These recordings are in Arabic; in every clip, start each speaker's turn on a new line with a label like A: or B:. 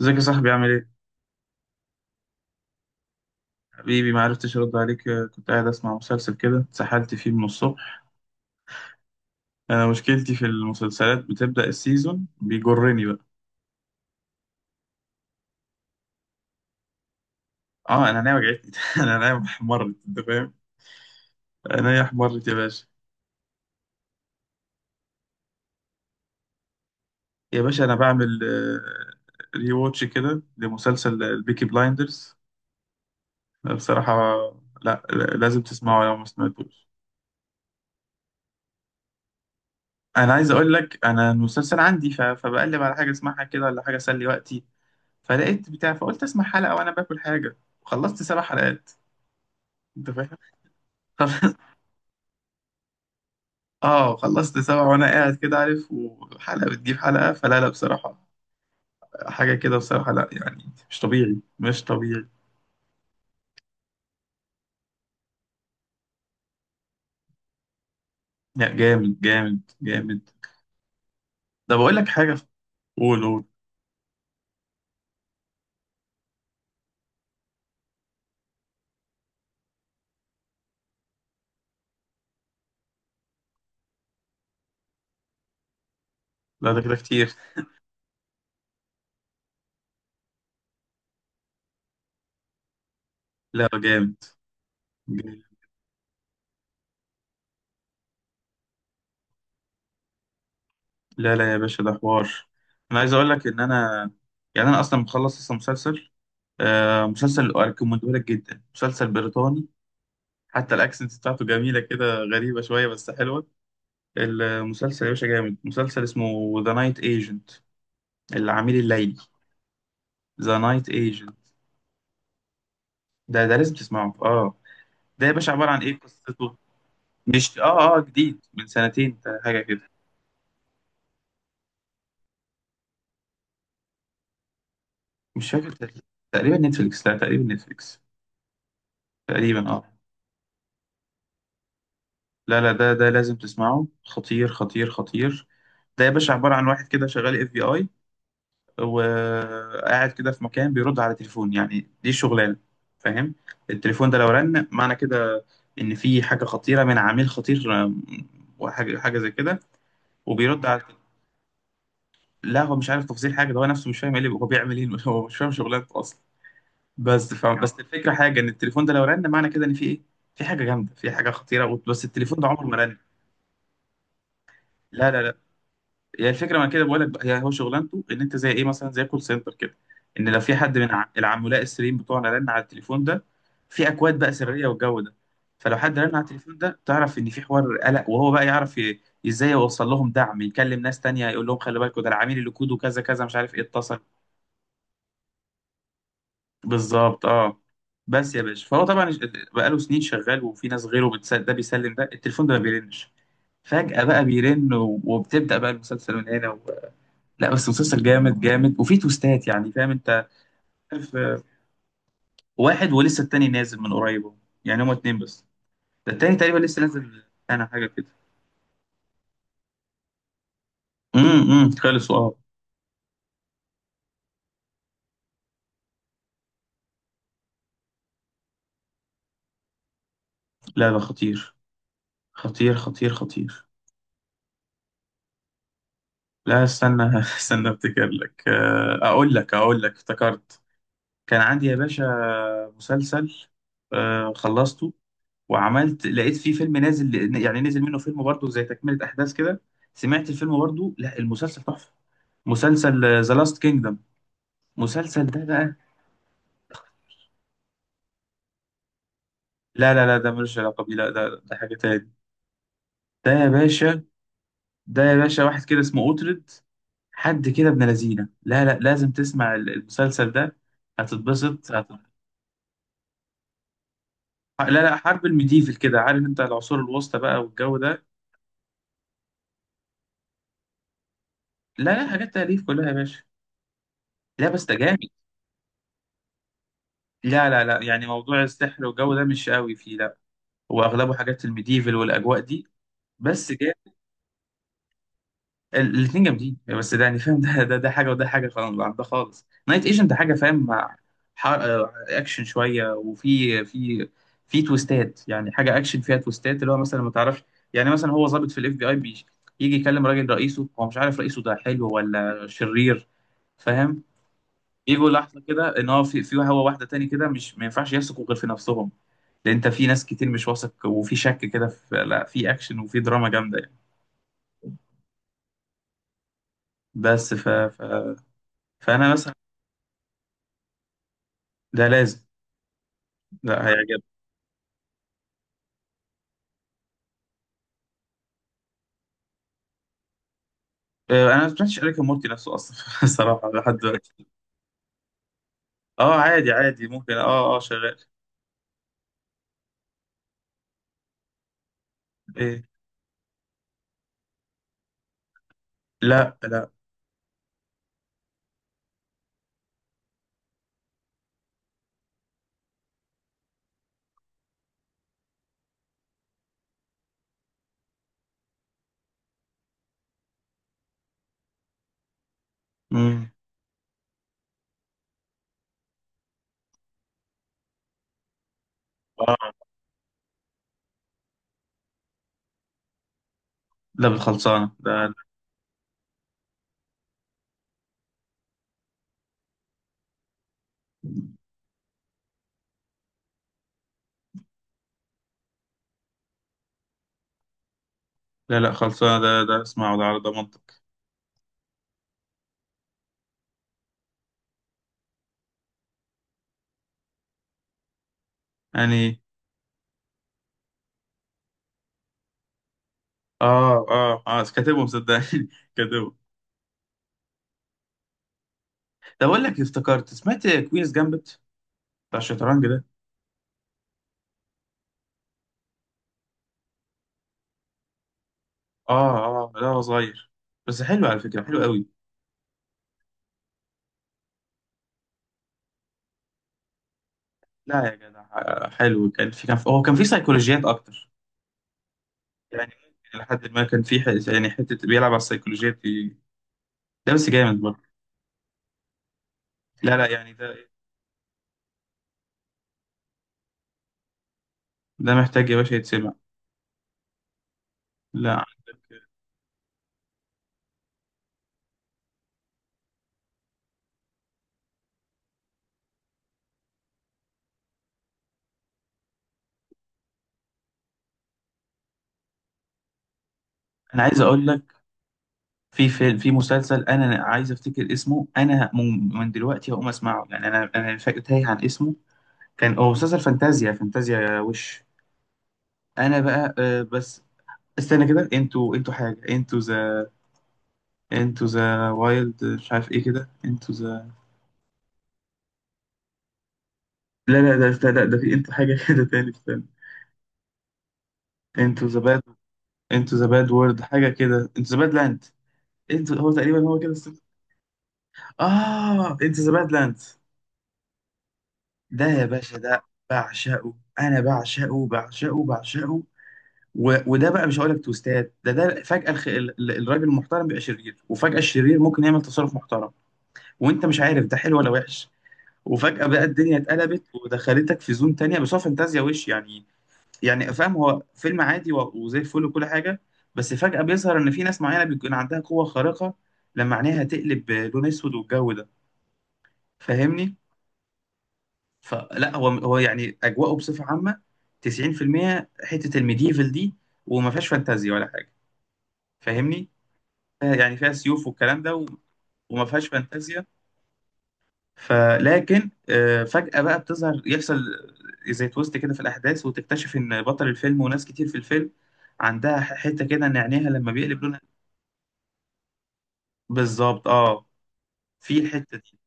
A: ازيك يا صاحبي، عامل ايه؟ حبيبي، ما عرفتش ارد عليك، آه، كنت قاعد اسمع مسلسل كده، اتسحلت فيه من الصبح. انا مشكلتي في المسلسلات، بتبدأ السيزون بيجرني بقى. اه انا عينيا وجعتني. انا عينيا احمرت، انت فاهم؟ عينيا احمرت يا باشا. يا باشا انا بعمل ريواتش كده لمسلسل البيكي بلايندرز. بصراحة، لازم تسمعه لو ما سمعتوش. انا عايز اقول لك، انا المسلسل عندي فبقلب على حاجة اسمعها كده، ولا حاجة اسلي وقتي، فلقيت بتاع، فقلت اسمع حلقة وانا باكل حاجة، وخلصت سبع حلقات. انت فاهم. خلصت. اه خلصت سبع وانا قاعد كده، عارف، وحلقة بتجيب حلقة، فلا لا بصراحة، حاجة كده بصراحة، لا يعني مش طبيعي، مش طبيعي. لا جامد جامد جامد. ده بقول لك حاجة. قول قول. لا ده كده كتير. لا جامد جامد. لا لا يا باشا، ده حوار. انا عايز اقول لك ان انا، يعني انا اصلا مخلص اصلا مسلسل، آه، مسلسل اريكومندهولك جدا، مسلسل بريطاني، حتى الاكسنت بتاعته جميله كده، غريبه شويه بس حلوه. المسلسل يا باشا جامد، مسلسل اسمه ذا نايت ايجنت. العميل الليلي. ذا نايت ايجنت. ده لازم تسمعه، اه. ده يا باشا عباره عن ايه قصته؟ مش، اه اه جديد من سنتين حاجه كده. مش فاكر تقريبا نتفليكس، لا تقريبا نتفليكس. تقريبا اه. لا لا، ده لازم تسمعه، خطير خطير خطير. ده يا باشا عباره عن واحد كده شغال اف بي اي، وقاعد كده في مكان بيرد على تليفون، يعني دي شغلانه، فاهم. التليفون ده لو رن معنى كده ان في حاجه خطيره من عميل خطير، وحاجه حاجه زي كده. وبيرد على. لا هو مش عارف تفاصيل حاجه، ده هو نفسه مش فاهم ايه اللي هو بيعمل ايه. هو مش فاهم شغلانته اصلا. بس فاهم، بس الفكره حاجه، ان التليفون ده لو رن معنى كده ان في ايه، في حاجه جامده، في حاجه خطيره، بس التليفون ده عمره ما رن. لا لا. هي الفكره ما كده بقول لك بقى، هي هو شغلانته، ان انت زي ايه، مثلا زي كول سنتر كده، ان لو في حد من العملاء السريين بتوعنا رن على التليفون ده، في اكواد بقى سريه والجو ده، فلو حد رن على التليفون ده تعرف ان في حوار قلق، وهو بقى يعرف ازاي يوصل لهم دعم، يكلم ناس تانية يقول لهم خلي بالكوا، ده العميل اللي كوده كذا كذا، مش عارف ايه، اتصل. بالظبط اه. بس يا باشا فهو طبعا، بقاله سنين شغال، وفي ناس غيره ده بيسلم، ده التليفون ده ما بيرنش، فجأة بقى بيرن، وبتبدأ بقى المسلسل من هنا. لا بس مسلسل جامد جامد، وفيه تويستات يعني، فاهم انت. عارف، آه، واحد، ولسه التاني نازل من قريب اهو. يعني هما اتنين بس، ده التاني تقريبا لسه نازل. انا حاجه كده، خلصوا اه. لا ده خطير، خطير خطير خطير لا استنى، استنى افتكر لك، آه، اقول لك، افتكرت. كان عندي يا باشا مسلسل، آه، خلصته، وعملت، لقيت فيه فيلم نازل، يعني نزل منه فيلم برضه زي تكملة أحداث كده، سمعت الفيلم برضه، لا المسلسل تحفة. مسلسل ذا لاست كينجدم. مسلسل ده بقى. لا لا لا، ده ملوش علاقة بيه، لا ده حاجة تاني. ده يا باشا، ده يا باشا واحد كده اسمه أوترد، حد كده ابن لذينة، لا لا لازم تسمع المسلسل ده، هتتبسط، لا لا، حرب الميديفل كده، عارف انت، العصور الوسطى بقى والجو ده. لا لا، حاجات تأليف كلها يا باشا. لا بس ده جامد. لا لا لا، يعني موضوع السحر والجو ده مش قوي فيه، لا. واغلبه حاجات الميديفل والاجواء دي. بس جاي. الاثنين جامدين، بس ده يعني فاهم، ده حاجه، وده حاجه خلاص، عن ده خالص، نايت ايجنت حاجه فاهم مع آه، اكشن شويه، وفي في تويستات، يعني حاجه اكشن فيها تويستات، اللي هو مثلا ما تعرفش، يعني مثلا هو ضابط في الاف بي اي، بيجي يجي يكلم راجل، رئيسه، هو مش عارف رئيسه ده حلو ولا شرير، فاهم. يجوا لحظه كده ان هو في هو واحده تاني كده، مش، ما ينفعش يثقوا غير في نفسهم، لان انت في ناس كتير مش واثق، وفي شك كده في، لا في اكشن وفي دراما جامده يعني. بس فانا مثلا. ده لازم. لا هيعجبك. آه، انا ما سمعتش اريك مورتي نفسه اصلا، الصراحه لحد دلوقتي. اه عادي عادي ممكن، اه اه شغال. ايه. لا لا. امم اه. ده بالخلصانه ده. لا لا خلصانه، ده اسمعه ده على ضمانتك. يعني. اه اه اه كاتبهم صدقني، كاتبهم. طب اقول لك، افتكرت سمعت كوينز جامبت، بتاع الشطرنج ده. اه. اه لا هو صغير، بس حلو على فكرة، حلو قوي. لا يا جدع، آه، حلو، كان في هو كان في سيكولوجيات اكتر، يعني ممكن لحد ما كان في يعني حتة بيلعب على السيكولوجيات دي. ده بس جامد برضه. لا لا يعني ده، ده محتاج يا باشا يتسمع. لا عندك. انا عايز اقول لك، في مسلسل انا عايز افتكر اسمه، انا من دلوقتي هقوم اسمعه يعني، انا فاكر تايه عن اسمه، كان هو مسلسل فانتازيا، فانتازيا وش. انا بقى، آه، بس استنى كده، انتوا حاجة، انتوا انتو ذا وايلد، مش عارف ايه كده، انتو ذا، لا لا ده، لا لا، ده في انتو حاجة كده تاني، استنى. انتو ذا باد، انتو ذا باد وورد حاجة كده، انتو ذا باد لاند. انتو، هو تقريبا هو كده، استنى. اه انتو ذا باد لاند، ده يا باشا، ده بعشقه. انا بعشقه بعشقه بعشقه. وده بقى مش هقول لك توستات، ده فجأة الراجل المحترم بيبقى شرير، وفجأة الشرير ممكن يعمل تصرف محترم، وانت مش عارف ده حلو ولا وحش، وفجأة بقى الدنيا اتقلبت، ودخلتك في زون تانية، بس هو فانتازيا وش يعني. يعني فاهم، هو فيلم عادي وزي الفل وكل حاجة، بس فجأة بيظهر إن في ناس معينة بيكون عندها قوة خارقة، لما عينيها تقلب لون أسود والجو ده، فاهمني؟ فلا هو هو يعني أجواءه بصفة عامة، 90% حتة الميديفل دي، وما فيهاش فانتازيا ولا حاجة، فاهمني؟ يعني فيها سيوف والكلام ده، وما فيهاش فانتازيا، فلكن، آه، فجأة بقى بتظهر، يحصل زي تويست كده في الأحداث، وتكتشف إن بطل الفيلم وناس كتير في الفيلم عندها حتة كده، إن عينيها لما بيقلب لون. بالظبط اه. في الحته دي،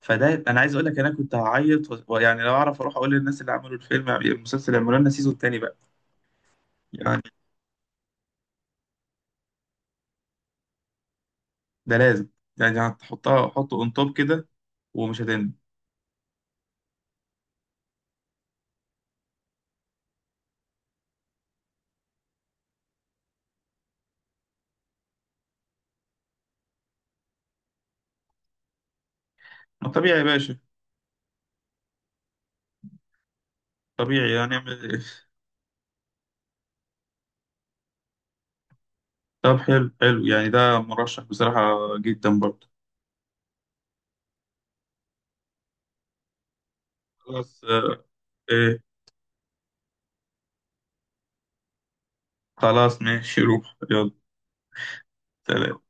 A: فده انا عايز اقول لك، انا كنت هعيط، ويعني لو اعرف اروح اقول للناس اللي عملوا الفيلم المسلسل، اعملوا لنا سيزون تاني بقى. يعني، ده لازم، يعني هتحطها حطه اون توب كده، ومش هتندم. ما طبيعي يا باشا، طبيعي، يعني اعمل إيه؟ طب حلو حلو، يعني ده مرشح بصراحه جدا برضه. خلاص، آه. ايه. خلاص ماشي، روح يلا. سلام.